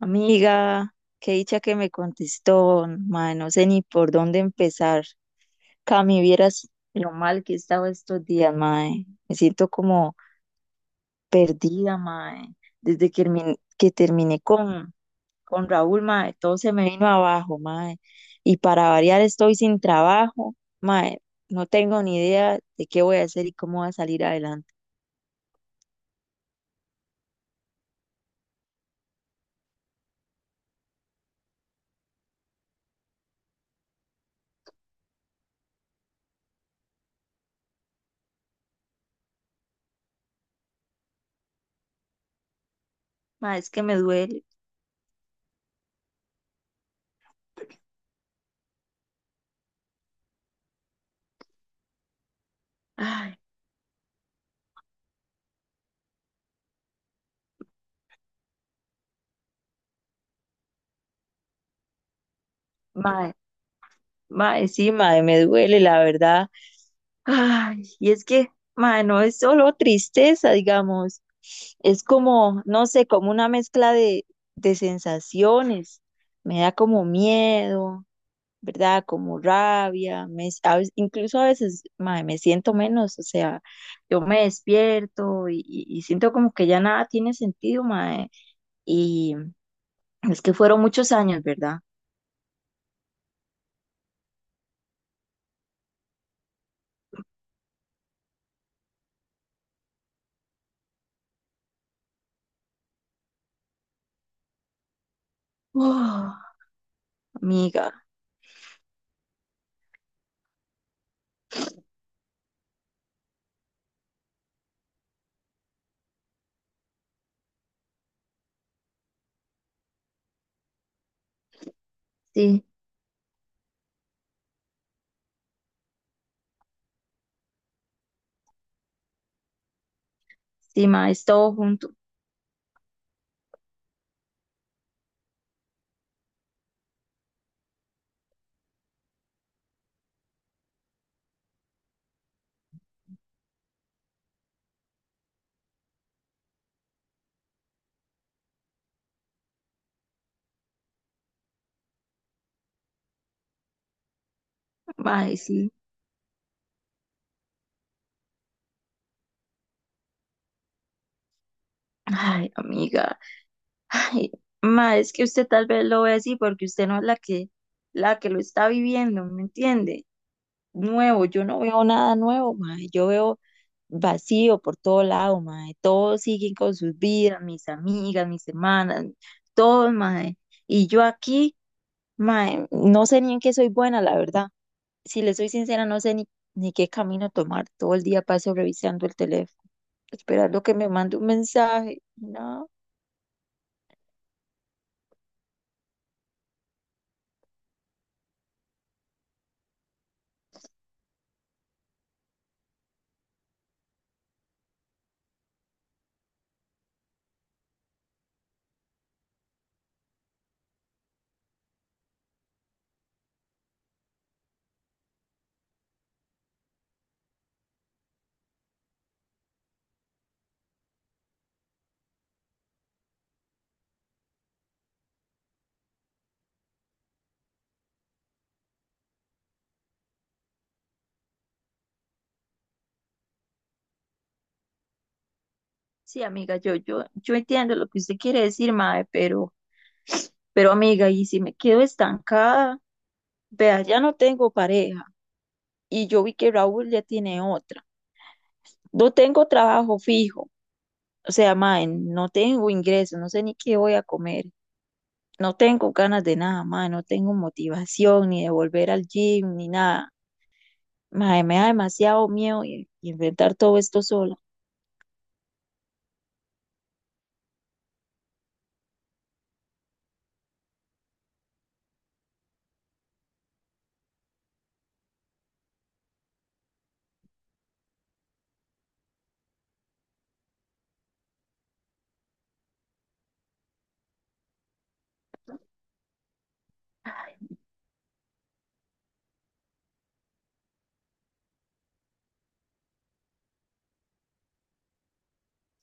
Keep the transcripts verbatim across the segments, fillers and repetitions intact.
Amiga, qué dicha que me contestó, mae, no sé ni por dónde empezar. Cami, vieras lo mal que he estado estos días, mae. Me siento como perdida, mae. Desde que, termin- que terminé con, con Raúl, mae, todo se me vino abajo, mae. Y para variar estoy sin trabajo, mae. No tengo ni idea de qué voy a hacer y cómo voy a salir adelante. Mae, es que me duele. Ay, mae, mae, sí, mae, me duele, la verdad. Ay, y es que, ma, no es solo tristeza, digamos, es como, no sé, como una mezcla de, de sensaciones. Me da como miedo, ¿verdad? Como rabia, me, s- a veces- incluso a veces, ma, me siento menos, o sea, yo me despierto y, y- y siento como que ya nada tiene sentido, ma, y es que fueron muchos años, ¿verdad? Uf, amiga, sí, sí, ma, es todo junto, ma, sí. Ay, amiga. Ay, ma, es que usted tal vez lo ve así porque usted no es la que, la que lo está viviendo, ¿me entiende? Nuevo, yo no veo nada nuevo, ma, yo veo vacío por todo lado, ma, todos siguen con sus vidas, mis amigas, mis hermanas, todos, ma, y yo aquí, ma, no sé ni en qué soy buena, la verdad. Si le soy sincera, no sé ni, ni qué camino tomar. Todo el día paso revisando el teléfono, esperando que me mande un mensaje, nada. Sí, amiga, yo, yo, yo entiendo lo que usted quiere decir, mae, pero, pero amiga, y si me quedo estancada, vea, ya no tengo pareja y yo vi que Raúl ya tiene otra. No tengo trabajo fijo, o sea, mae, no tengo ingreso, no sé ni qué voy a comer, no tengo ganas de nada, mae, no tengo motivación ni de volver al gym ni nada. Mae, me da demasiado miedo y, y enfrentar todo esto sola.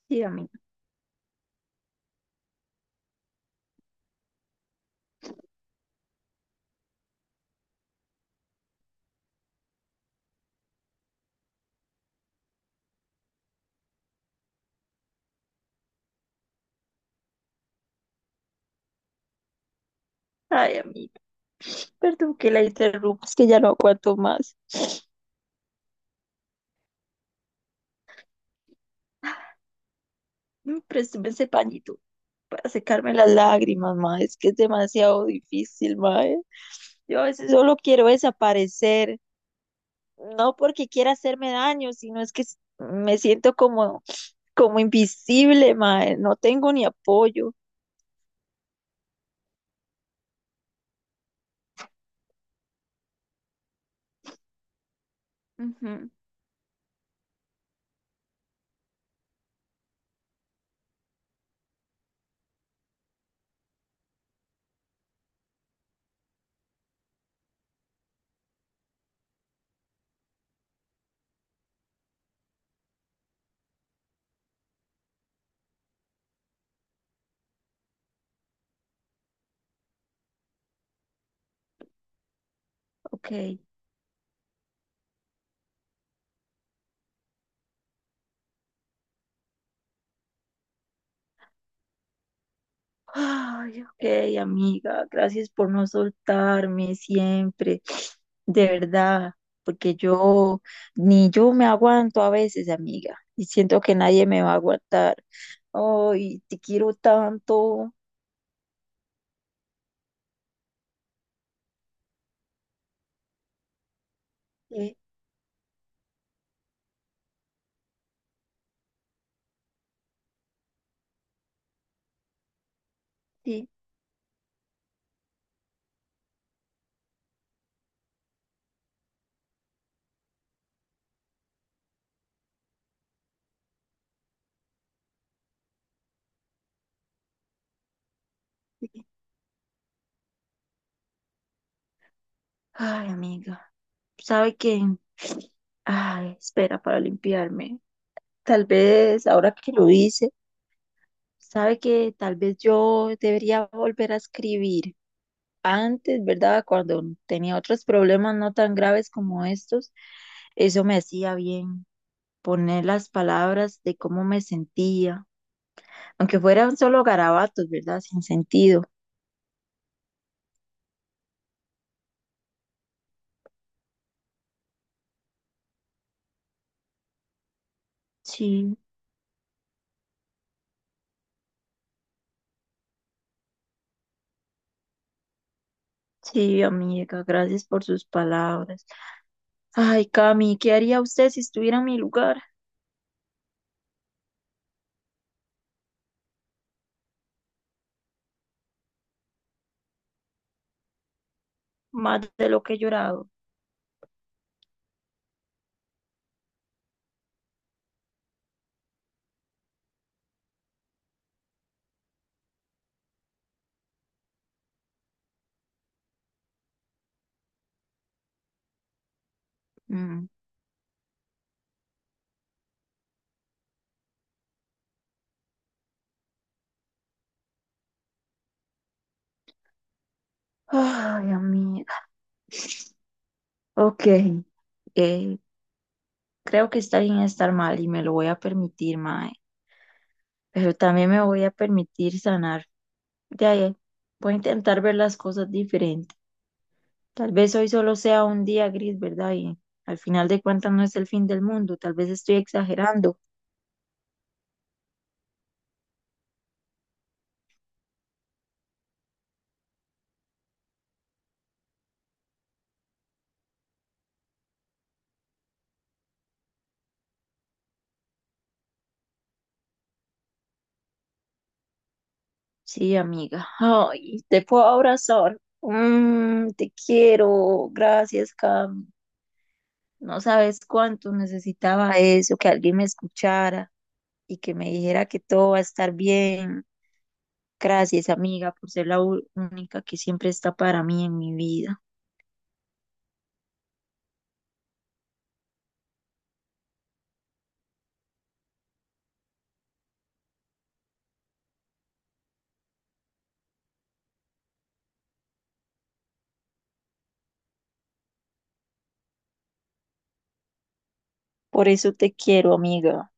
Sí, amiga. Ay, amiga, perdón que la interrumpa, es que ya no aguanto más. Mm, présteme ese pañito para secarme las lágrimas, ma. Es que es demasiado difícil, ma. Eh. Yo a veces solo quiero desaparecer, no porque quiera hacerme daño, sino es que s- me siento como, como invisible, ma. Eh, No tengo ni apoyo. Ujú. Ok. Ay, ok, amiga, gracias por no soltarme siempre, de verdad, porque yo ni yo me aguanto a veces, amiga, y siento que nadie me va a aguantar. Ay, te quiero tanto. Sí, sí, sí. Ay, amiga, ¿sabe qué? Ay, espera para limpiarme. Tal vez, ahora que lo hice, ¿sabe que tal vez yo debería volver a escribir? Antes, ¿verdad? Cuando tenía otros problemas no tan graves como estos, eso me hacía bien, poner las palabras de cómo me sentía, aunque fueran solo garabatos, ¿verdad? Sin sentido. Sí, sí, amiga, gracias por sus palabras. Ay, Cami, ¿qué haría usted si estuviera en mi lugar? Más de lo que he llorado. Mm. Ay, amiga. Ok, eh, creo que está bien estar mal y me lo voy a permitir, mae. Pero también me voy a permitir sanar. Ya, ya. Voy a intentar ver las cosas diferente. Tal vez hoy solo sea un día gris, ¿verdad? Y al final de cuentas no es el fin del mundo. Tal vez estoy exagerando. Sí, amiga. Ay, te puedo abrazar. Mm, te quiero. Gracias, Cam. No sabes cuánto necesitaba eso, que alguien me escuchara y que me dijera que todo va a estar bien. Gracias, amiga, por ser la u- única que siempre está para mí en mi vida. Por eso te quiero, amiga.